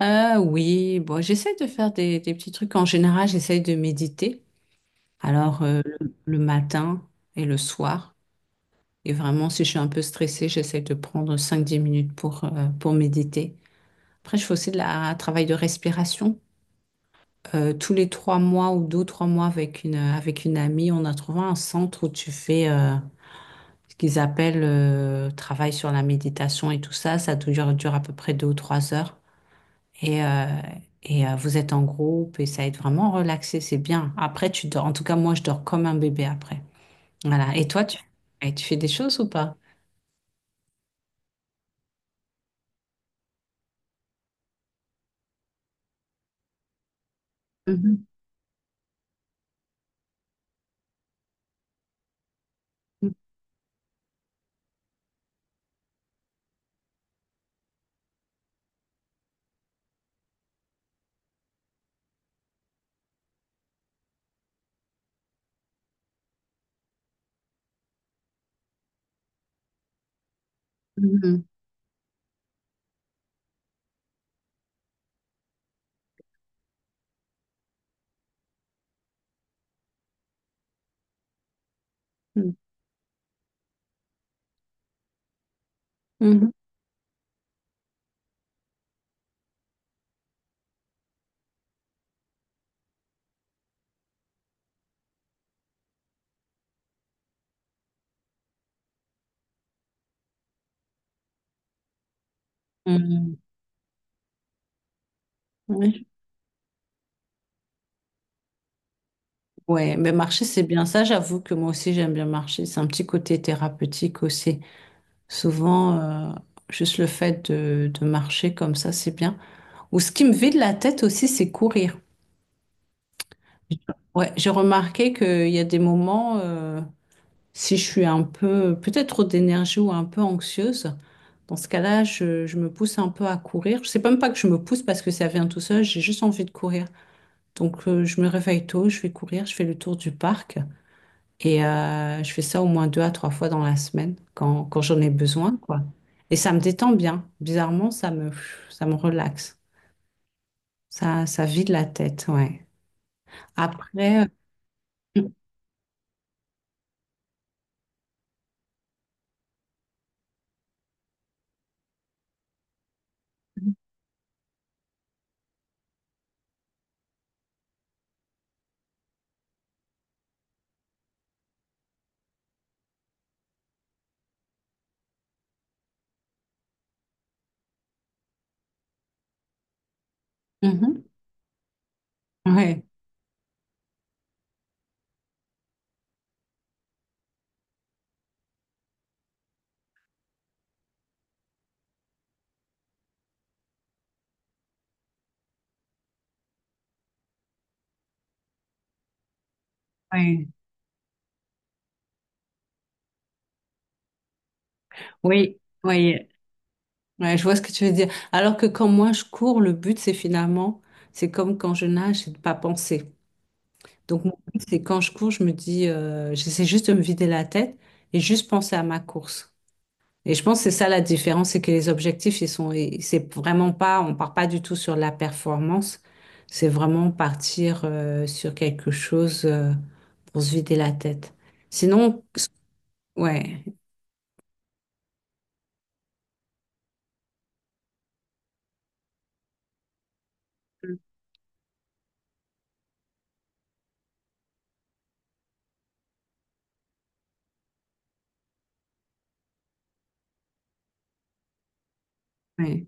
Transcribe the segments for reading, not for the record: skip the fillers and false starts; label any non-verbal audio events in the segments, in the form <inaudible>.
Ah oui, bon, j'essaie de faire des petits trucs. En général, j'essaie de méditer. Alors, le matin et le soir. Et vraiment, si je suis un peu stressée, j'essaie de prendre 5 10 minutes pour méditer. Après, je fais aussi un travail de respiration. Tous les 3 mois ou 2, 3 mois avec une amie, on a trouvé un centre où tu fais ce qu'ils appellent travail sur la méditation et tout ça. Ça dure à peu près 2 ou 3 heures. Et, euh, Vous êtes en groupe et ça aide vraiment à relaxer, c'est bien. Après, tu dors. En tout cas, moi, je dors comme un bébé après. Voilà. Et toi, tu fais des choses ou pas? Mhm. Mhm. Mhm. Mhm. Mhm. Oui. Ouais, mais marcher, c'est bien. Ça, j'avoue que moi aussi, j'aime bien marcher. C'est un petit côté thérapeutique aussi. Souvent, juste le fait de marcher comme ça, c'est bien. Ou ce qui me vide la tête aussi, c'est courir. Ouais, j'ai remarqué qu'il y a des moments, si je suis un peu, peut-être trop d'énergie ou un peu anxieuse, dans ce cas-là, je me pousse un peu à courir. Je sais même pas que je me pousse parce que ça vient tout seul, j'ai juste envie de courir. Donc, je me réveille tôt, je vais courir, je fais le tour du parc et je fais ça au moins 2 à 3 fois dans la semaine quand j'en ai besoin, quoi. Et ça me détend bien. Bizarrement, ça me relaxe. Ça vide la tête, ouais. Après, euh, <clears throat> mhm, ouais, ouais. Oui, oui. Ouais, je vois ce que tu veux dire. Alors que quand moi je cours, le but c'est finalement, c'est comme quand je nage, c'est de pas penser. Donc mon but c'est quand je cours, je me dis, j'essaie juste de me vider la tête et juste penser à ma course. Et je pense que c'est ça la différence, c'est que les objectifs ils sont, et c'est vraiment pas, on part pas du tout sur la performance, c'est vraiment partir sur quelque chose pour se vider la tête. Sinon, ouais, ouais.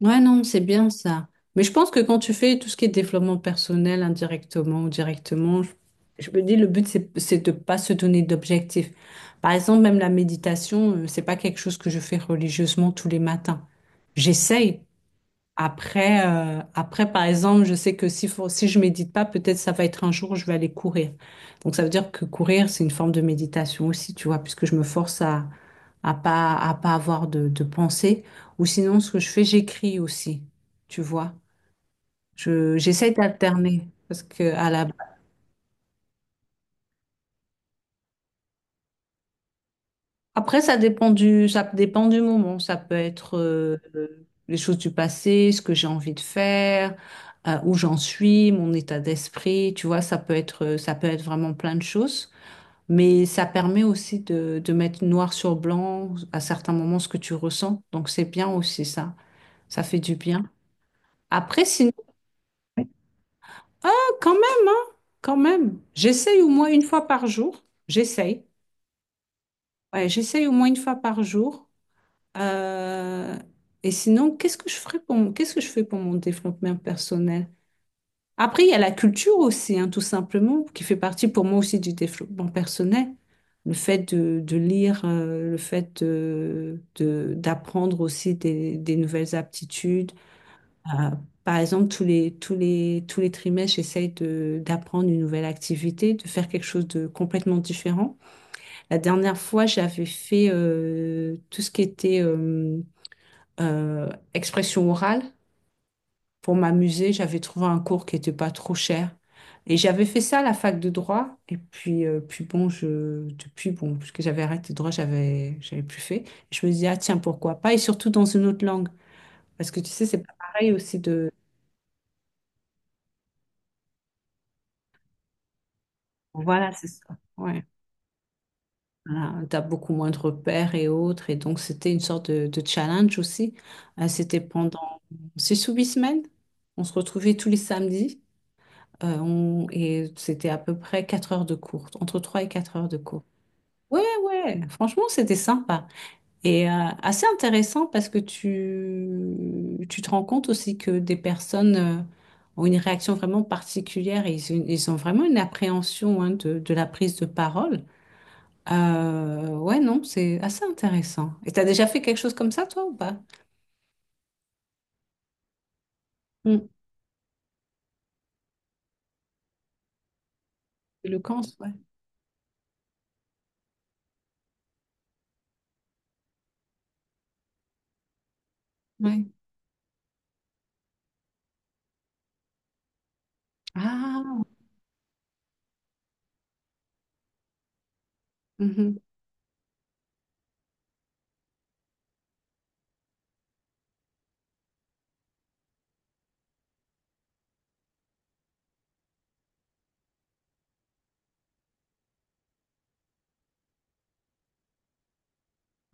Ouais, non, c'est bien ça. Mais je pense que quand tu fais tout ce qui est développement personnel indirectement ou directement, je me dis le but, c'est de pas se donner d'objectifs. Par exemple, même la méditation, c'est pas quelque chose que je fais religieusement tous les matins. J'essaye. Après, par exemple, je sais que si je médite pas, peut-être ça va être un jour où je vais aller courir. Donc ça veut dire que courir, c'est une forme de méditation aussi, tu vois, puisque je me force à pas à pas avoir de pensée. Ou sinon, ce que je fais, j'écris aussi. Tu vois, je j'essaie d'alterner parce que à la après ça dépend du moment. Ça peut être les choses du passé, ce que j'ai envie de faire, où j'en suis, mon état d'esprit. Tu vois, ça peut être vraiment plein de choses. Mais ça permet aussi de mettre noir sur blanc à certains moments ce que tu ressens. Donc c'est bien aussi ça. Ça fait du bien. Après, sinon. Ah, quand même, hein, quand même. J'essaye au moins une fois par jour. J'essaye. Ouais, j'essaye au moins une fois par jour. Euh, et sinon, qu'est-ce que je fais pour mon développement personnel? Après, il y a la culture aussi, hein, tout simplement, qui fait partie pour moi aussi du développement personnel. Le fait de lire, le fait d'apprendre aussi des nouvelles aptitudes euh, par exemple, tous les trimestres, j'essaye d'apprendre une nouvelle activité, de faire quelque chose de complètement différent. La dernière fois, j'avais fait tout ce qui était euh, expression orale pour m'amuser. J'avais trouvé un cours qui n'était pas trop cher. Et j'avais fait ça à la fac de droit. Et puis, bon, depuis, bon, puisque j'avais arrêté le droit, j'avais plus fait. Je me disais, ah tiens, pourquoi pas? Et surtout dans une autre langue. Parce que tu sais, c'est pas pareil aussi de... Voilà, c'est ça. Ouais. Voilà, t'as beaucoup moins de repères et autres. Et donc, c'était une sorte de challenge aussi. C'était pendant 6 ou 8 semaines. On se retrouvait tous les samedis. Et c'était à peu près 4 heures de cours, entre 3 et 4 heures de cours. Ouais, ouais, franchement, c'était sympa. Et euh, Assez intéressant parce que tu te rends compte aussi que des personnes ont une réaction vraiment particulière et ils ont vraiment une appréhension hein, de la prise de parole. Ouais, non, c'est assez intéressant. Et t'as déjà fait quelque chose comme ça, toi, ou pas? Mm. Le cancer, ouais. Ouais. Ah, mhm.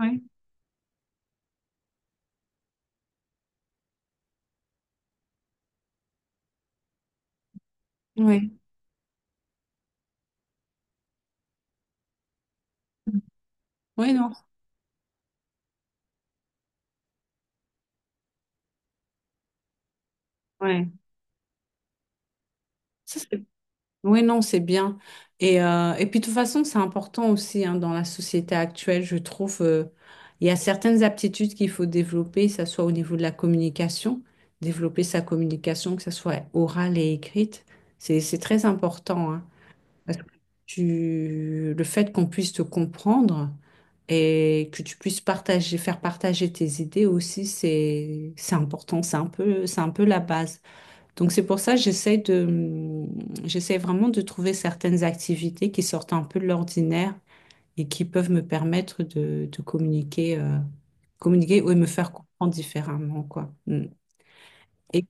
Ouais. Ouais. Oui, non. Ouais. Ça, c'est- Oui, non, c'est bien. Puis, de toute façon, c'est important aussi hein, dans la société actuelle, je trouve. Il y a certaines aptitudes qu'il faut développer, que ce soit au niveau de la communication, développer sa communication, que ce soit orale et écrite. C'est très important. Hein. Parce que le fait qu'on puisse te comprendre et que tu puisses partager, faire partager tes idées aussi, c'est important. C'est un peu la base. Donc c'est pour ça que j'essaie j'essaie vraiment de trouver certaines activités qui sortent un peu de l'ordinaire et qui peuvent me permettre de communiquer, ou me faire comprendre différemment, quoi. Mm. Et,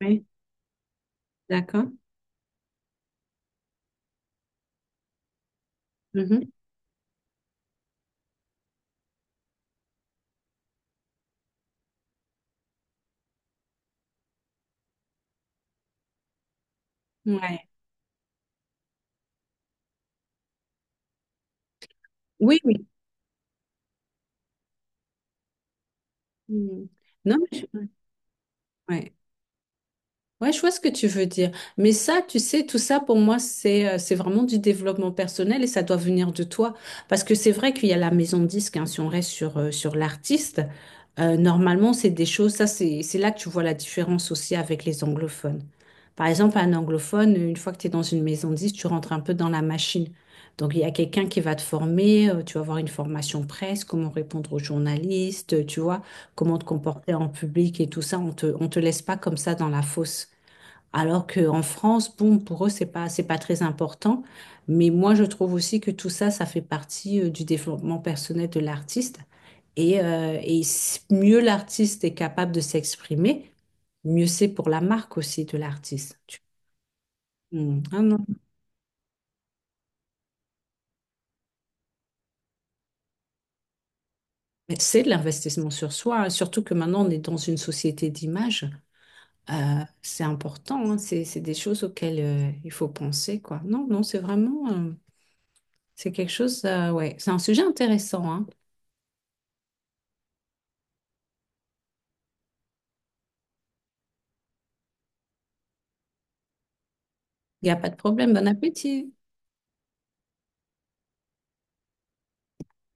oui, d'accord. Mhm. Ouais. Oui, oui. Mm. Non, mais ouais. Ouais, je vois ce que tu veux dire. Mais ça, tu sais, tout ça pour moi, c'est vraiment du développement personnel et ça doit venir de toi. Parce que c'est vrai qu'il y a la maison de disque, hein, si on reste sur l'artiste, normalement, c'est des choses, ça, c'est là que tu vois la différence aussi avec les anglophones. Par exemple, un anglophone, une fois que tu es dans une maison de disque, tu rentres un peu dans la machine. Donc, il y a quelqu'un qui va te former, tu vas avoir une formation presse, comment répondre aux journalistes, tu vois, comment te comporter en public et tout ça. On te laisse pas comme ça dans la fosse. Alors qu'en France, bon, pour eux, c'est pas, très important. Mais moi, je trouve aussi que tout ça, ça fait partie du développement personnel de l'artiste. Mieux l'artiste est capable de s'exprimer, mieux c'est pour la marque aussi de l'artiste. Hmm. Ah non. Mais c'est de l'investissement sur soi, hein. Surtout que maintenant, on est dans une société d'image. Euh, c'est important, hein. C'est des choses auxquelles il faut penser, quoi. Non, non, c'est quelque chose, ouais, c'est un sujet intéressant, hein. Il n'y a pas de problème. Bon appétit.